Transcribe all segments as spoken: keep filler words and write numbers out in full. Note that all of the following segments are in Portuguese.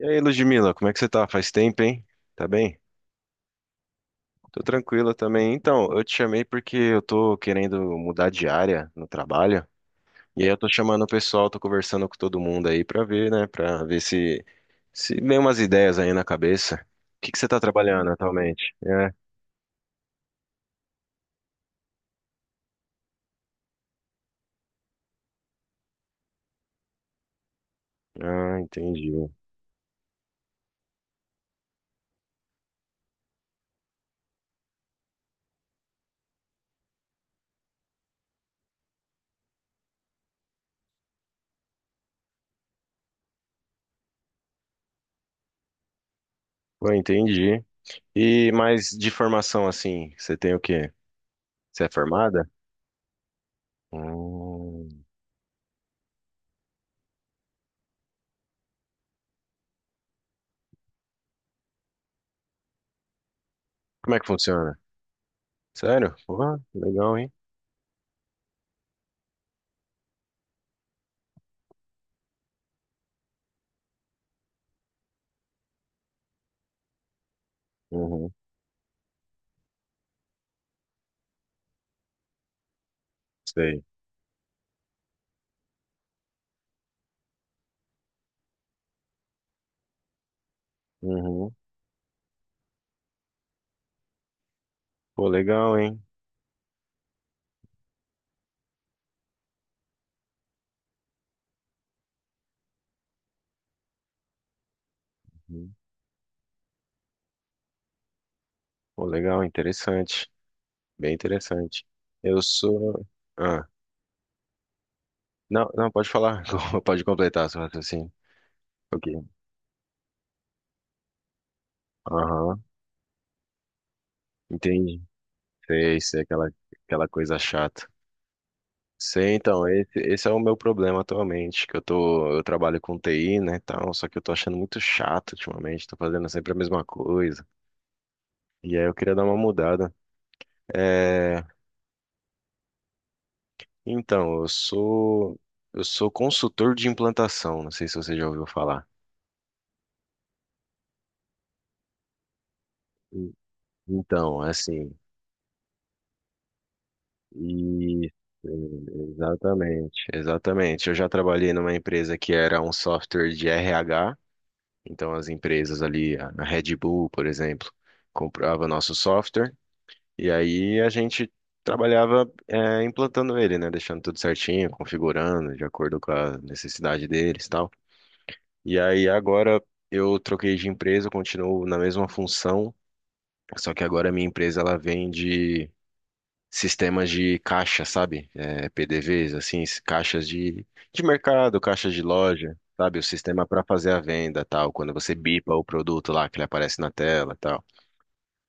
E aí, Ludmila, como é que você tá? Faz tempo, hein? Tá bem? Tô tranquila também. Então, eu te chamei porque eu tô querendo mudar de área no trabalho. E aí eu tô chamando o pessoal, tô conversando com todo mundo aí pra ver, né? Pra ver se, se vem umas ideias aí na cabeça. O que que você tá trabalhando atualmente? É. Ah, entendi. Pô, entendi. E mais de formação, assim, você tem o quê? Você é formada? Hum. Como é que funciona? Sério? Pô, legal, hein? Uhum, sei. Uhum. Pô, legal, hein? Uhum. Pô, legal, interessante. Bem interessante. Eu sou. Ah, não, não, pode falar. Pode completar seu raciocínio. Ok. Aham, entendi. Sei, sei, aquela, aquela coisa chata. Sei, então, esse, esse é o meu problema atualmente, que eu tô, eu trabalho com T I, né, tal, só que eu tô achando muito chato ultimamente, tô fazendo sempre a mesma coisa. E aí eu queria dar uma mudada. É, então, eu sou, eu sou consultor de implantação, não sei se você já ouviu falar. E- Então, assim, e exatamente, exatamente. Eu já trabalhei numa empresa que era um software de R H, então as empresas ali, a a Red Bull, por exemplo, comprava nosso software e aí a gente trabalhava eh, implantando ele, né, deixando tudo certinho, configurando de acordo com a necessidade deles, e tal. E aí agora eu troquei de empresa, continuo na mesma função, só que agora a minha empresa ela vende sistemas de caixa, sabe? É, P D Vs, assim, s- caixas de, de mercado, caixas de loja, sabe? O sistema para fazer a venda, tal, quando você bipa o produto lá, que ele aparece na tela, tal.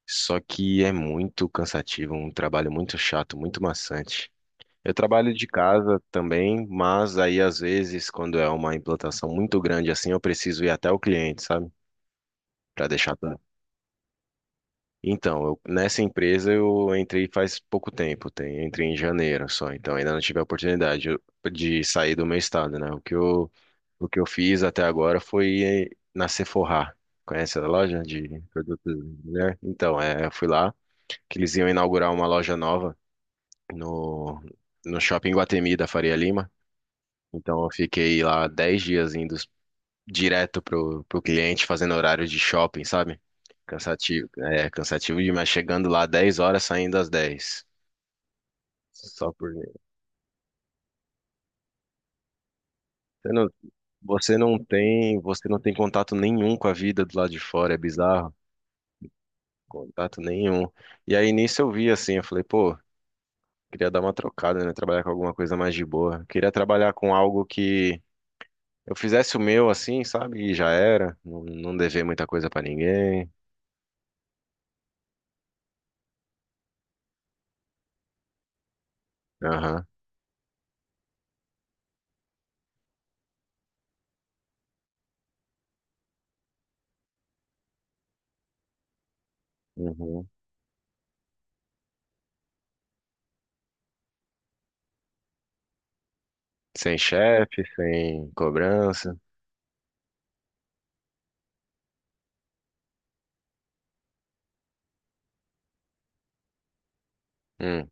Só que é muito cansativo, um trabalho muito chato, muito maçante. Eu trabalho de casa também, mas aí às vezes, quando é uma implantação muito grande assim, eu preciso ir até o cliente, sabe? Para deixar tudo. Então, eu- nessa empresa eu entrei faz pouco tempo, tem, entrei em janeiro só, então ainda não tive a oportunidade de sair do meu estado, né? O que eu, o que eu fiz até agora foi eh, na Sephora. Conhece a loja de produtos de mulher? Então, é, eu fui lá, que eles iam inaugurar uma loja nova no, no shopping Guatemi da Faria Lima. Então, eu fiquei lá dez dias indo direto pro, pro cliente, fazendo horário de shopping, sabe? Cansativo, é cansativo demais, chegando lá dez horas, saindo às dez. Só por você não, você não tem, você não tem contato nenhum com a vida do lado de fora, é bizarro. Contato nenhum. E aí nisso eu vi assim, eu falei, pô, queria dar uma trocada, né? Trabalhar com alguma coisa mais de boa. Queria trabalhar com algo que eu fizesse o meu assim, sabe? E já era, não, não dever muita coisa pra ninguém. Aham. Uhum. Sem chefe, sem cobrança. Hum,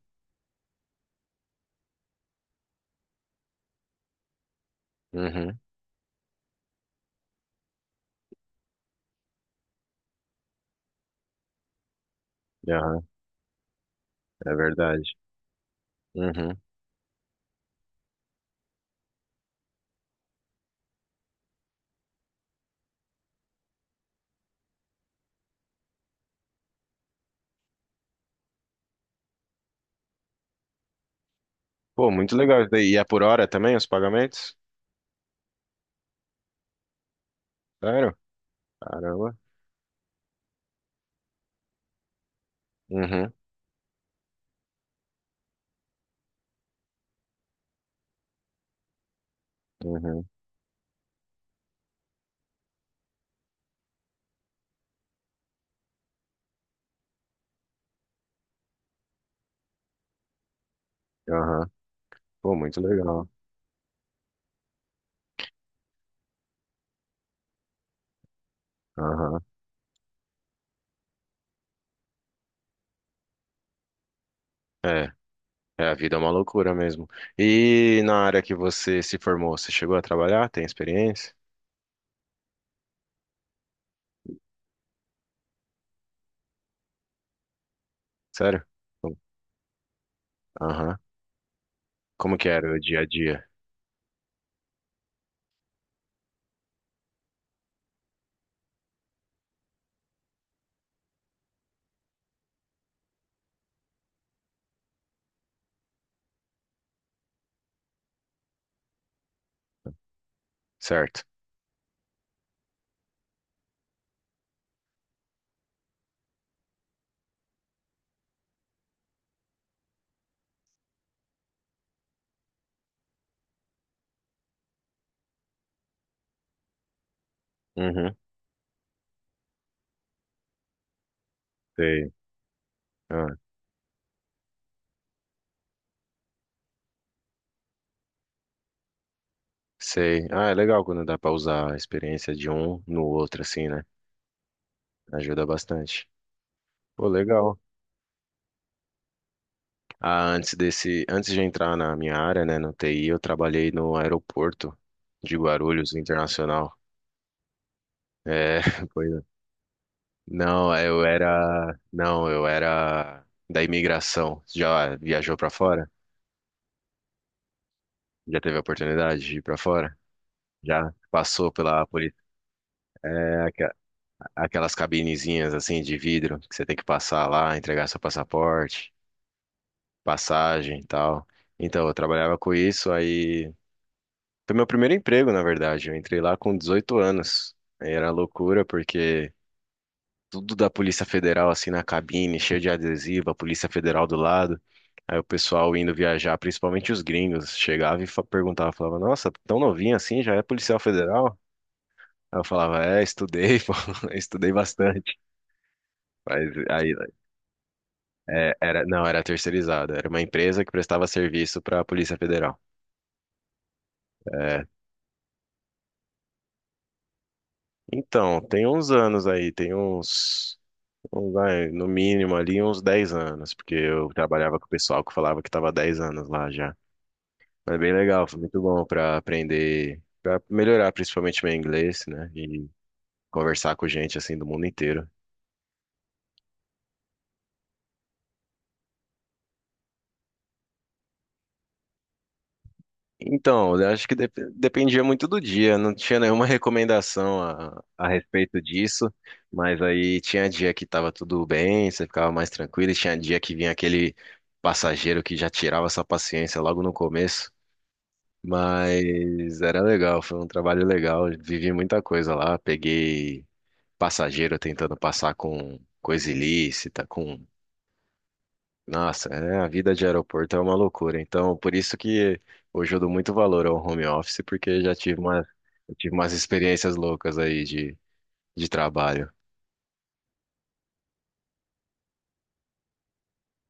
uhum, aham, é verdade. Uhum. Pô, muito legal isso daí. E é por hora também os pagamentos? Sério? Caramba. Uhum, uhum, aham. Pô, muito legal. Aham. É, é, a vida é uma loucura mesmo. E na área que você se formou, você chegou a trabalhar? Tem experiência? Sério? Hum. Aham. Como que era o dia a dia? Certo. Uhum, sei. Ah, sei. Ah, é legal quando dá pra usar a experiência de um no outro, assim, né? Ajuda bastante. Pô, legal. Ah, antes desse, antes de entrar na minha área, né, no T I, eu trabalhei no aeroporto de Guarulhos Internacional. É, pois é. Não, eu era, não, eu era da imigração. Já viajou pra fora? Já teve a oportunidade de ir pra fora? Já passou pela polícia? É, aqua- aquelas cabinezinhas assim de vidro que você tem que passar lá, entregar seu passaporte, passagem e tal. Então, eu trabalhava com isso, aí. Foi meu primeiro emprego, na verdade. Eu entrei lá com dezoito anos. Aí era loucura, porque tudo da Polícia Federal, assim, na cabine, cheio de adesivo, a Polícia Federal do lado. Aí o pessoal indo viajar, principalmente os gringos, chegava e fa- perguntava, falava, nossa, tão novinho assim, já é policial federal? Aí eu falava, é, estudei, pô, estudei bastante. Mas aí, é, era, não, era terceirizado, era uma empresa que prestava serviço para a Polícia Federal. É, então, tem uns anos aí, tem uns. Bom, vai, no mínimo ali uns dez anos, porque eu trabalhava com o pessoal que falava que estava dez anos lá já. Mas bem legal, foi muito bom para aprender, para melhorar principalmente meu inglês, né? E conversar com gente assim do mundo inteiro. Então, eu acho que dep- dependia muito do dia, não tinha nenhuma recomendação a, a respeito disso, mas aí tinha dia que estava tudo bem, você ficava mais tranquilo, e tinha dia que vinha aquele passageiro que já tirava sua paciência logo no começo. Mas era legal, foi um trabalho legal. Vivi muita coisa lá. Peguei passageiro tentando passar com coisa ilícita, com. Nossa, é, a vida de aeroporto é uma loucura. Então, por isso que hoje eu dou muito valor ao home office, porque já tive uma, eu tive umas experiências loucas aí de, de trabalho.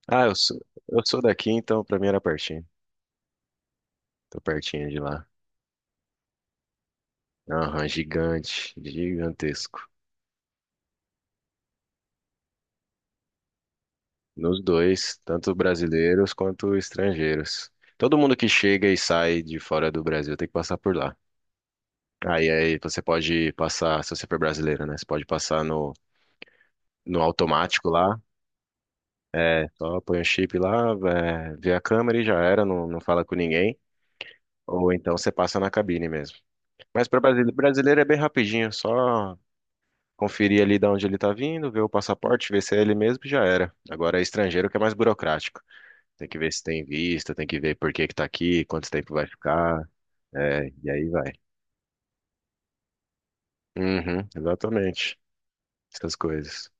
Ah, eu sou, eu sou daqui, então pra mim era pertinho. Tô pertinho de lá. Aham, gigante, gigantesco. Nos dois, tanto brasileiros quanto estrangeiros. Todo mundo que chega e sai de fora do Brasil tem que passar por lá. Aí, aí você pode passar, se você for brasileiro, né? Você pode passar no, no automático lá. É, só põe o chip lá, é, vê a câmera e já era, não, não fala com ninguém. Ou então você passa na cabine mesmo. Mas para brasileiro brasileiro é bem rapidinho, só conferir ali de onde ele tá vindo, ver o passaporte, ver se é ele mesmo e já era. Agora é estrangeiro que é mais burocrático. Tem que ver se tem visto, tem que ver por que que tá aqui, quanto tempo vai ficar, é, e aí vai. Uhum, exatamente. Essas coisas.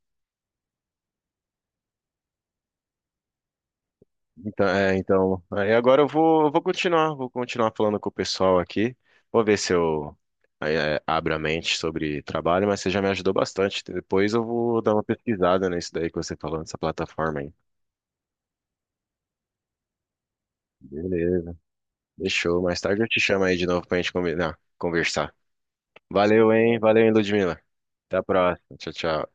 Então, é, então, aí agora eu vou, eu vou continuar, vou continuar falando com o pessoal aqui. Vou ver se eu é, abro a mente sobre trabalho, mas você já me ajudou bastante. Depois eu vou dar uma pesquisada nisso daí que você falou, nessa plataforma aí. Beleza. Fechou. Mais tarde eu te chamo aí de novo pra gente combinar, conversar. Valeu, hein? Valeu, hein, Ludmila. Até a próxima. Tchau, tchau.